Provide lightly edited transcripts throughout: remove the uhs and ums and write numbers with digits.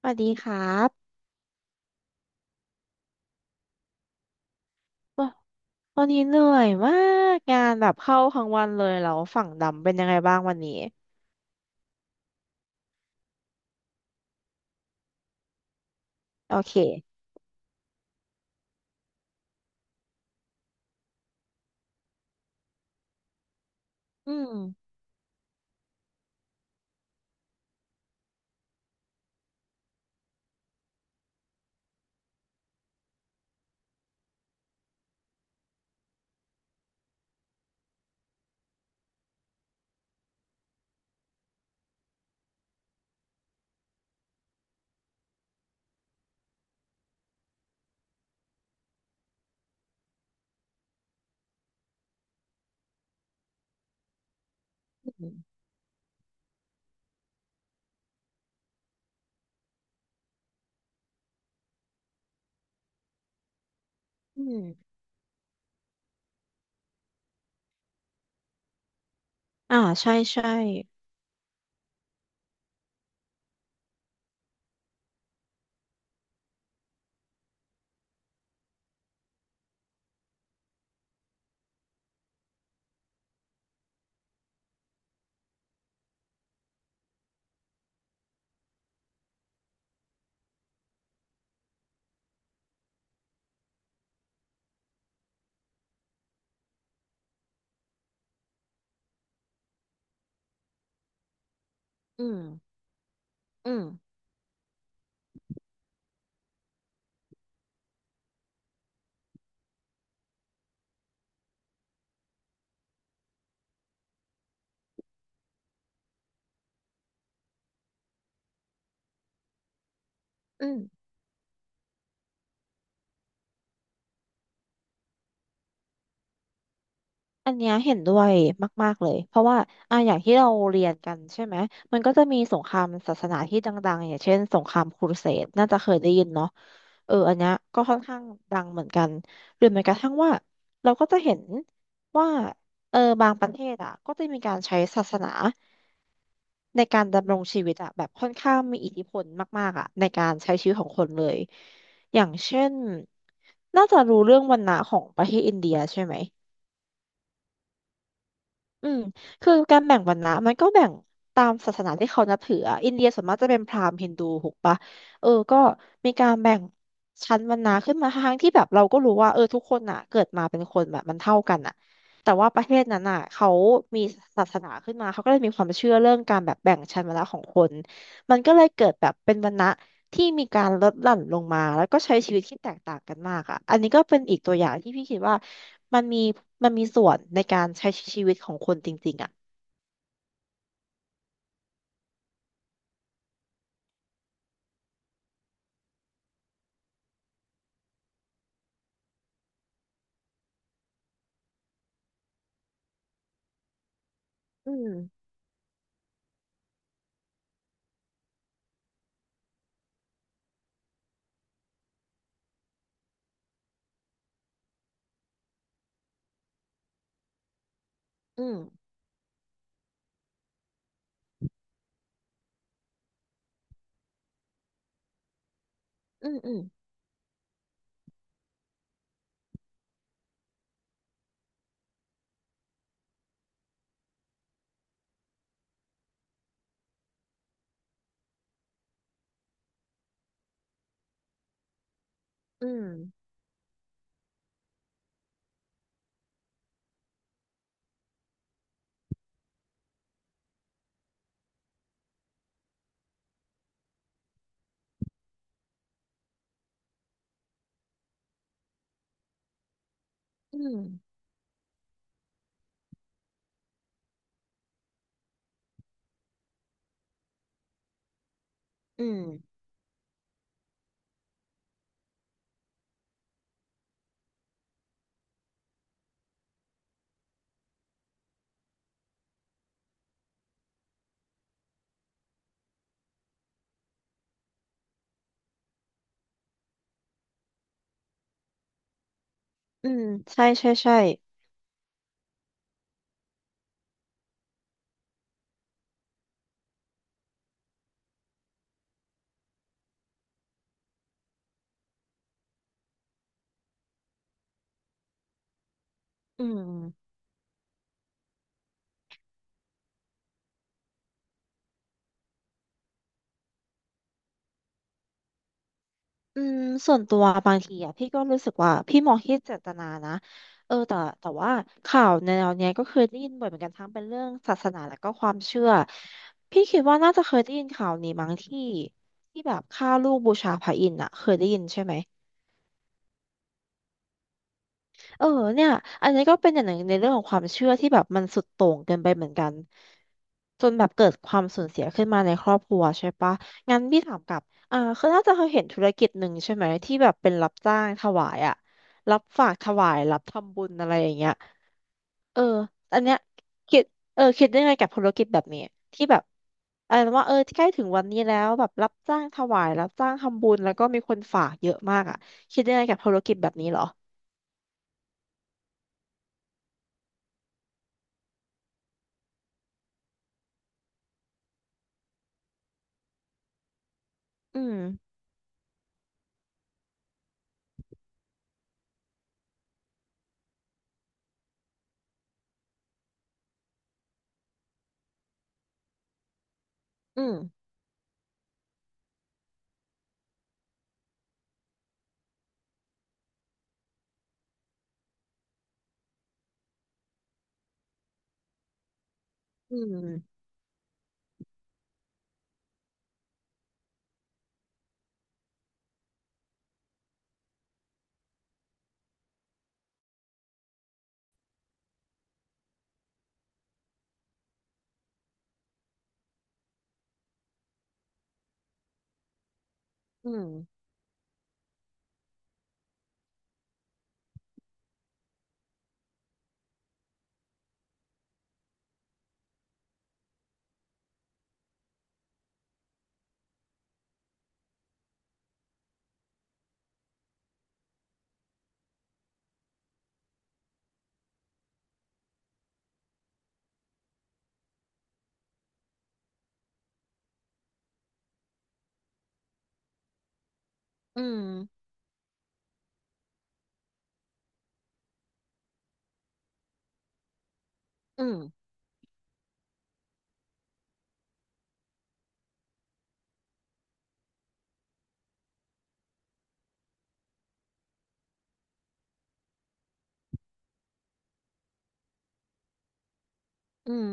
สวัสดีครับวะวันนี้เหนื่อยมากงานแบบเข้าทั้งวันเลยแล้วฝั่งดำเป็นยังไงบ้างวันนี้โอเค อืมอืมอืมอ่าใช่ใช่ อืม อืม อืม อันเนี้ยเห็นด้วยมากๆเลยเพราะว่าอ่ะอย่างที่เราเรียนกันใช่ไหมมันก็จะมีสงครามศาสนาที่ดังๆอย่างเช่นสงครามครูเสดน่าจะเคยได้ยินเนาะเอออันเนี้ยก็ค่อนข้างดังเหมือนกันหรือแม้กระทั่งว่าเราก็จะเห็นว่าเออบางประเทศอ่ะก็จะมีการใช้ศาสนาในการดำรงชีวิตอ่ะแบบค่อนข้างมีอิทธิพลมากๆอ่ะในการใช้ชีวิตของคนเลยอย่างเช่นน่าจะรู้เรื่องวันนะของประเทศอินเดียใช่ไหม อืมคือการแบ่งวรรณะมันก็แบ่งตามศาสนาที่เขานับถืออะอินเดียส่วนมากจะเป็นพราหมณ์ฮินดูถูกปะเออก็การแบ่งชั้นวรรณะขึ้นมาทั้งที่แบบเราก็รู้ว่าเออทุกคนอ่ะเกิดมาเป็นคนแบบมันเท่ากันอ่ะแต่ว่าประเทศนั้นอ่ะเขามีศาสนาขึ้นมาเขาก็เลยมีความเชื่อเรื่องการแบบแบ่งชั้นวรรณะของคนมันก็เลยเกิดแบบเป็นวรรณะ ที่มีการลดหลั่นลงมาแล้วก็ใช้ชีวิตที่แตกต่างกันมากอ่ะอันนี้ก็เป็นอีกตัวอย่างที่พี่คิดว่ามันมีส่วนในการใช้ชีวิตของคนจริงๆอ่ะ อืม อืม อืมอืม อืมอืมอืมอืมใช่ใช่ใช่อืม อืมส่วนตัวบางทีอ่ะพี่ก็รู้สึกว่าพี่มองที่เจตนานะเออแต่ว่าข่าวแนวเนี้ยก็เคยได้ยินบ่อยเหมือนกันทั้งเป็นเรื่องศาสนาและก็ความเชื่อพี่คิดว่าน่าจะเคยได้ยินข่าวนี้มั้งที่แบบฆ่าลูกบูชาพระอินทร์อ่ะเคยได้ยินใช่ไหมเออเนี่ยอันนี้ก็เป็นอย่างหนึ่งในเรื่องของความเชื่อที่แบบมันสุดโต่งเกินไปเหมือนกันจนแบบเกิดความสูญเสียขึ้นมาในครอบครัวใช่ปะ ถามกลับคือน่าจะเคยเห็นธุรกิจหนึ่งใช่ไหมที่แบบเป็นรับจ้างถวายอะรับฝากถวายรับทำบุญอะไรอย่างเงี้ยเอออันเนี้ยคิดเออคิดได้ไงกับธุรกิจแบบนี้ที่แบบอะไรนะว่าเออใกล้ถึงวันนี้แล้วแบบรับจ้างถวายรับจ้างทำบุญแล้วก็มีคนฝากเยอะมากอ่ะคิดได้ไงกับธุรกิจแบบนี้เหรออืมอืมอืมอืมอืมอืมอืม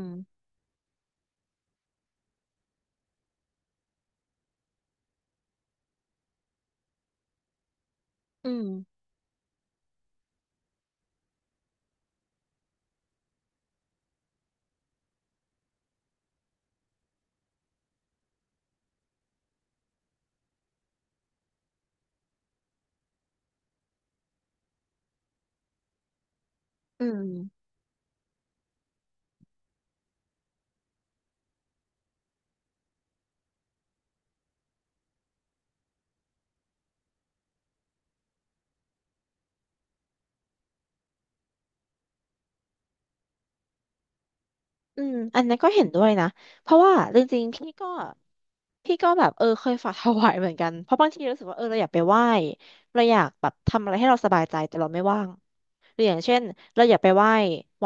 อืมอืมอืมอันนั้นก็เห็นด้วยนะเพราะว่าจริงๆพี่ก็แบบเออเคยฝากถวายเหมือนกันเพราะบางทีรู้สึกว่าเออเราอยากไปไหว้เราอยากแบบทำอะไรให้เราสบายใจแต่เราไม่ว่างหรืออย่างเช่นเราอยากไปไหว้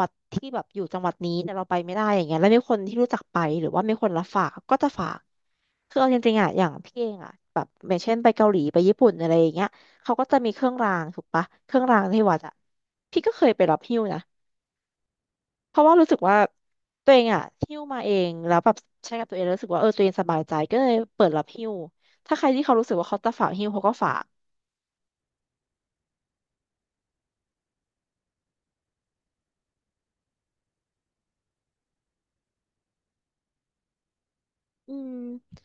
วัดที่แบบอยู่จังหวัดนี้แต่เราไปไม่ได้อย่างเงี้ยแล้วมีคนที่รู้จักไปหรือว่ามีคนรับฝากก็จะฝากคือเอาจริงๆอ่ะอย่างพี่เองอ่ะแบบอย่างเช่นไปเกาหลีไปญี่ปุ่นอะไรอย่างเงี้ยเขาก็จะมีเครื่องรางถูกปะเครื่องรางที่วัดอ่ะพี่ก็เคยไปรับหิ้วนะ เพราะว่ารู้สึกว่าตัวเองอะหิ้วมาเองแล้วแบบใช้กับตัวเองแล้วรู้สึกว่าเออตัวเองสบายใจก็เลยเปิดรับหิ้วถ้าใครที่เขารู้สึกว่าเขาจะฝากหิ้วเขาก็ฝากอืม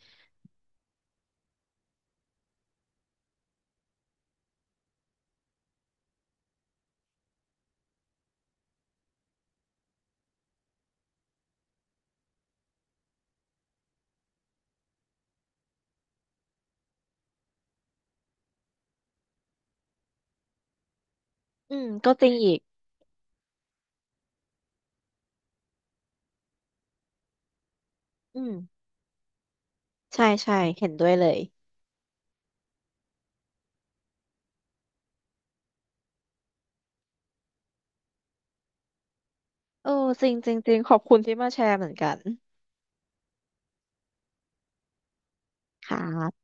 อืมก็จริงอีกอืมใช่ใช่เห็นด้วยเลยเออจริงจริงจริงขอบคุณที่มาแชร์เหมือนกันค่ะ